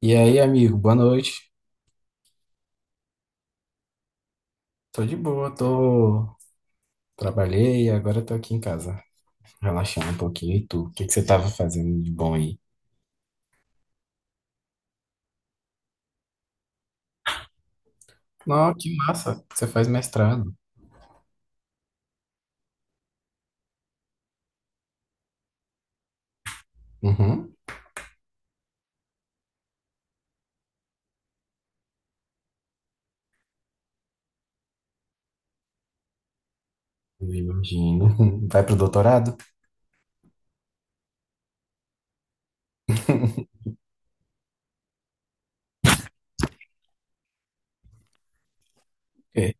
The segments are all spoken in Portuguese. E aí, amigo, boa noite. Tô de boa, tô. Trabalhei e agora tô aqui em casa, relaxando um pouquinho. E tu? O que que você tava fazendo de bom aí? Não, que massa, você faz mestrado. Uhum. Eu imagino. Vai pro doutorado? É.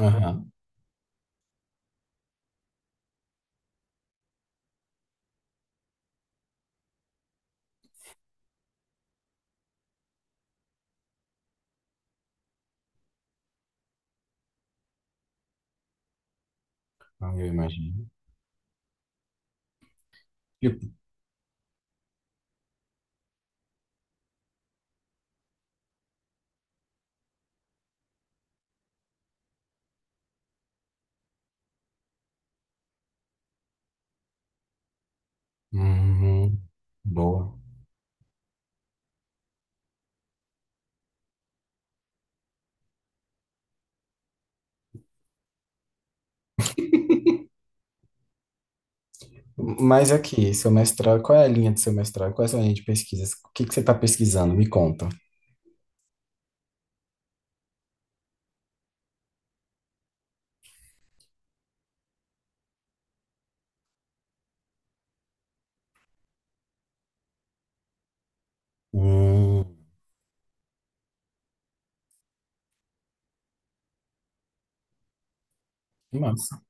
Aham, eu imagino. Tipo, uhum, boa. Mas aqui, seu mestrado, qual é a linha do seu mestrado? Qual é a sua linha de pesquisas? O que que você tá pesquisando? Me conta. Hum, que massa.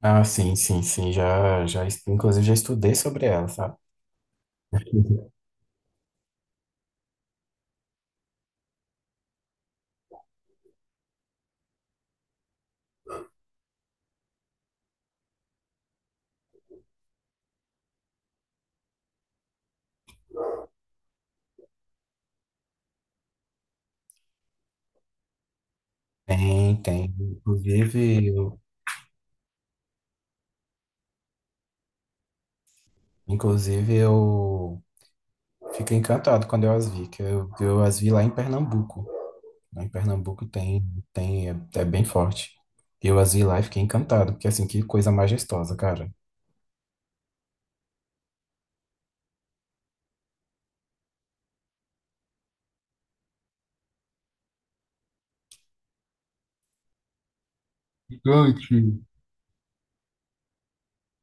Ah, sim, sim, sim. Já, já, inclusive, já estudei sobre ela, sabe? Tem, tem. Inclusive, eu fiquei encantado quando eu as vi, que eu as vi lá em Pernambuco. Lá em Pernambuco tem, tem, é, é bem forte. Eu as vi lá e fiquei encantado, porque assim, que coisa majestosa, cara. Gigante.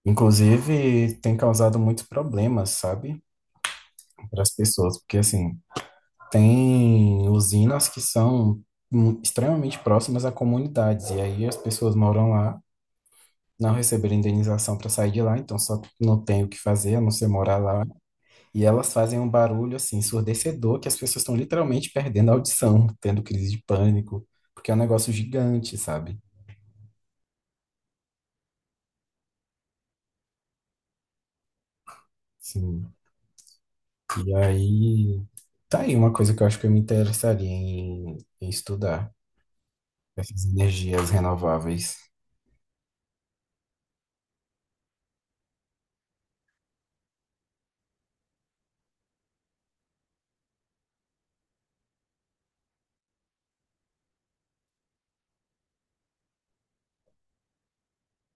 Inclusive, tem causado muitos problemas, sabe? Para as pessoas, porque assim, tem usinas que são extremamente próximas a comunidades, e aí as pessoas moram lá, não receberam indenização para sair de lá, então só não tem o que fazer, a não ser morar lá. E elas fazem um barulho assim ensurdecedor que as pessoas estão literalmente perdendo a audição, tendo crise de pânico, porque é um negócio gigante, sabe? Sim. E aí, tá aí uma coisa que eu acho que eu me interessaria em estudar, essas energias renováveis.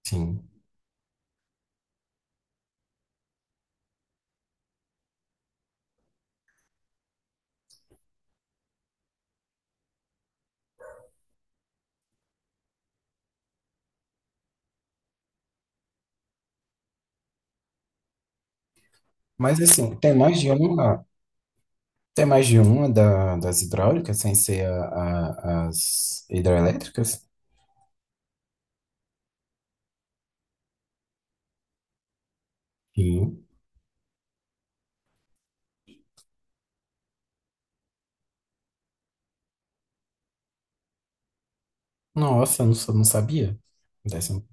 Sim. Mas assim, tem mais de uma. Tem mais de uma das hidráulicas, sem ser as hidroelétricas? Sim. Nossa, eu não, sou- não sabia. Dessa-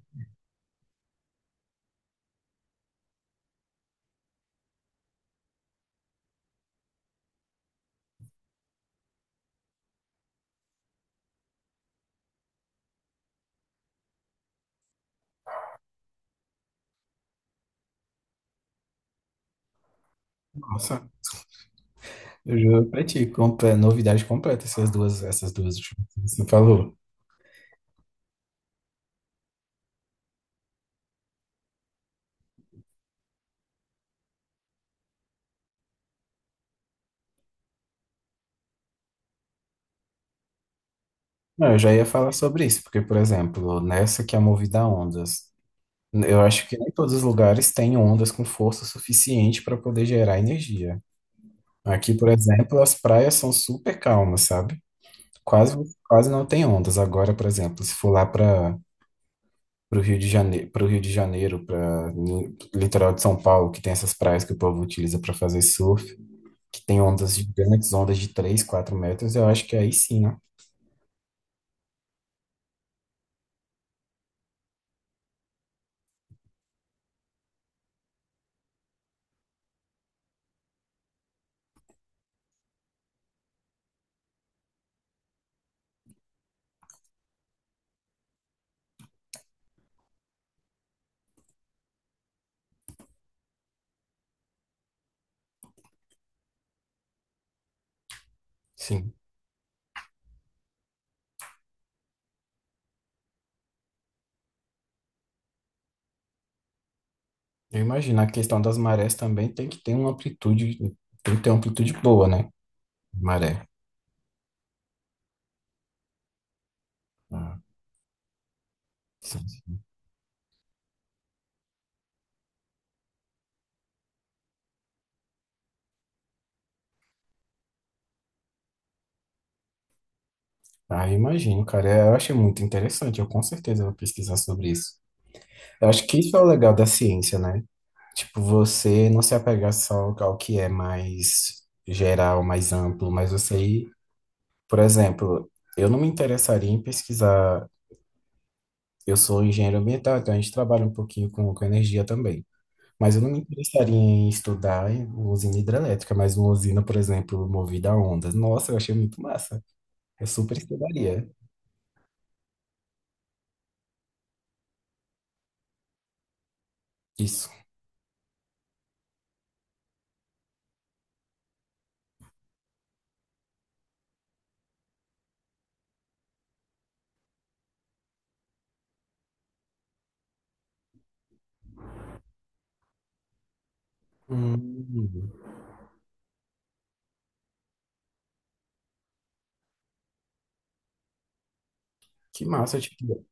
Nossa, eu juro pra ti, novidade completa essas duas últimas que você falou. Não, eu já ia falar sobre isso, porque, por exemplo, nessa que é movida a ondas, eu acho que nem todos os lugares têm ondas com força suficiente para poder gerar energia. Aqui, por exemplo, as praias são super calmas, sabe? Quase, quase não tem ondas. Agora, por exemplo, se for lá para o Rio de Janeiro, para Rio de Janeiro, para litoral de São Paulo, que tem essas praias que o povo utiliza para fazer surf, que tem ondas gigantes, ondas de 3, 4 metros, eu acho que aí sim, né? Sim. Eu imagino, a questão das marés também tem que ter uma amplitude, tem que ter uma amplitude boa, né? Maré. Ah, sim. Ah, eu imagino, cara. É, eu achei muito interessante. Eu com certeza vou pesquisar sobre isso. Eu acho que isso é o legal da ciência, né? Tipo, você não se apegar só ao que é mais geral, mais amplo, mas você ir. Por exemplo, eu não me interessaria em pesquisar. Eu sou engenheiro ambiental, então a gente trabalha um pouquinho com energia também. Mas eu não me interessaria em estudar em usina hidrelétrica, mas uma usina, por exemplo, movida a ondas. Nossa, eu achei muito massa. Eu super estudaria isso. Hum, que massa, tipo,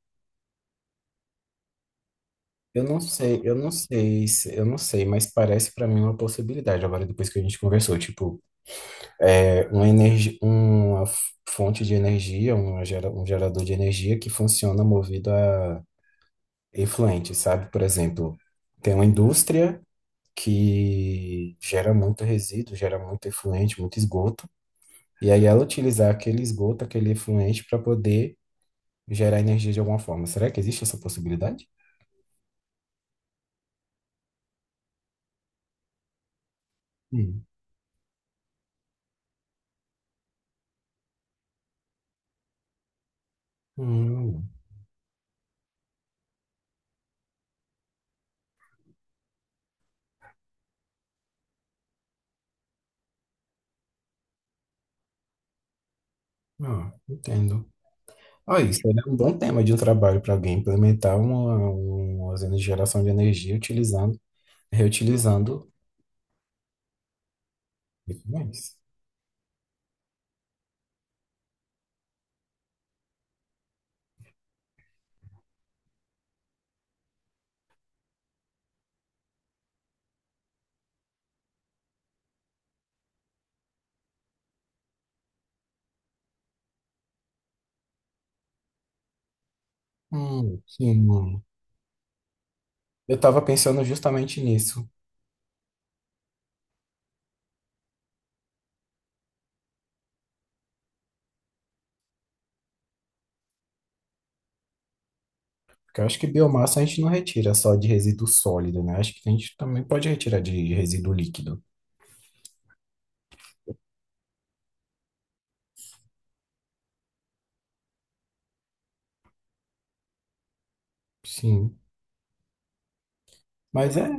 eu não sei, mas parece pra mim uma possibilidade agora depois que a gente conversou, tipo, uma, energia, uma fonte de energia, uma gera- um gerador de energia que funciona movido a efluente, sabe? Por exemplo, tem uma indústria que gera muito resíduo, gera muito efluente, muito esgoto, e aí ela utilizar aquele esgoto, aquele efluente, para poder gerar energia de alguma forma. Será que existe essa possibilidade? Hum. Hum. Ah, entendo. Ah, isso é um bom tema de um trabalho para alguém implementar uma usina de geração de energia utilizando. Reutilizando biomas. Sim, mano. Eu estava pensando justamente nisso. Porque eu acho que biomassa a gente não retira só de resíduo sólido, né? Acho que a gente também pode retirar de resíduo líquido. Sim. Mas é.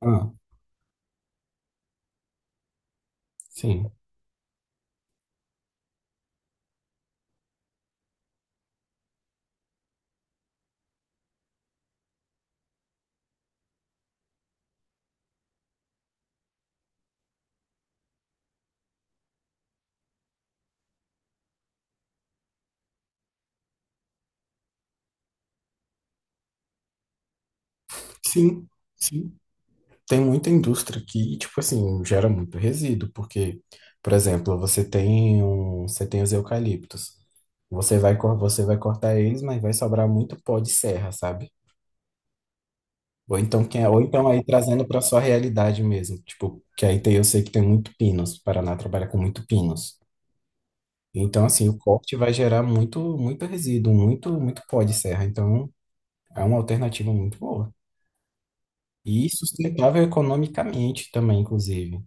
Ah, sim. Sim, sim. Tem muita indústria que, tipo assim, gera muito resíduo. Porque, por exemplo, você tem você tem os eucaliptos. Você vai cortar eles, mas vai sobrar muito pó de serra, sabe? Ou então, quem é, ou então aí trazendo para sua realidade mesmo. Tipo, que aí tem, eu sei que tem muito pinos. O Paraná trabalha com muito pinos. Então, assim, o corte vai gerar muito, muito resíduo, muito, muito pó de serra. Então, é uma alternativa muito boa. E sustentável economicamente também, inclusive.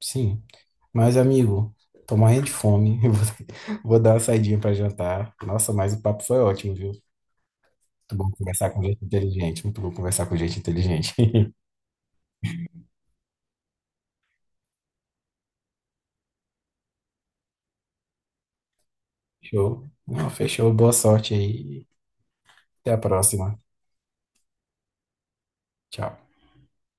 Sim. Mas, amigo, tô morrendo de fome. Vou dar uma saidinha para jantar. Nossa, mas o papo foi ótimo, viu? Muito bom conversar com gente inteligente. Muito bom conversar com gente inteligente. fechou. Não, fechou. Boa sorte aí. Até a próxima. Tchau.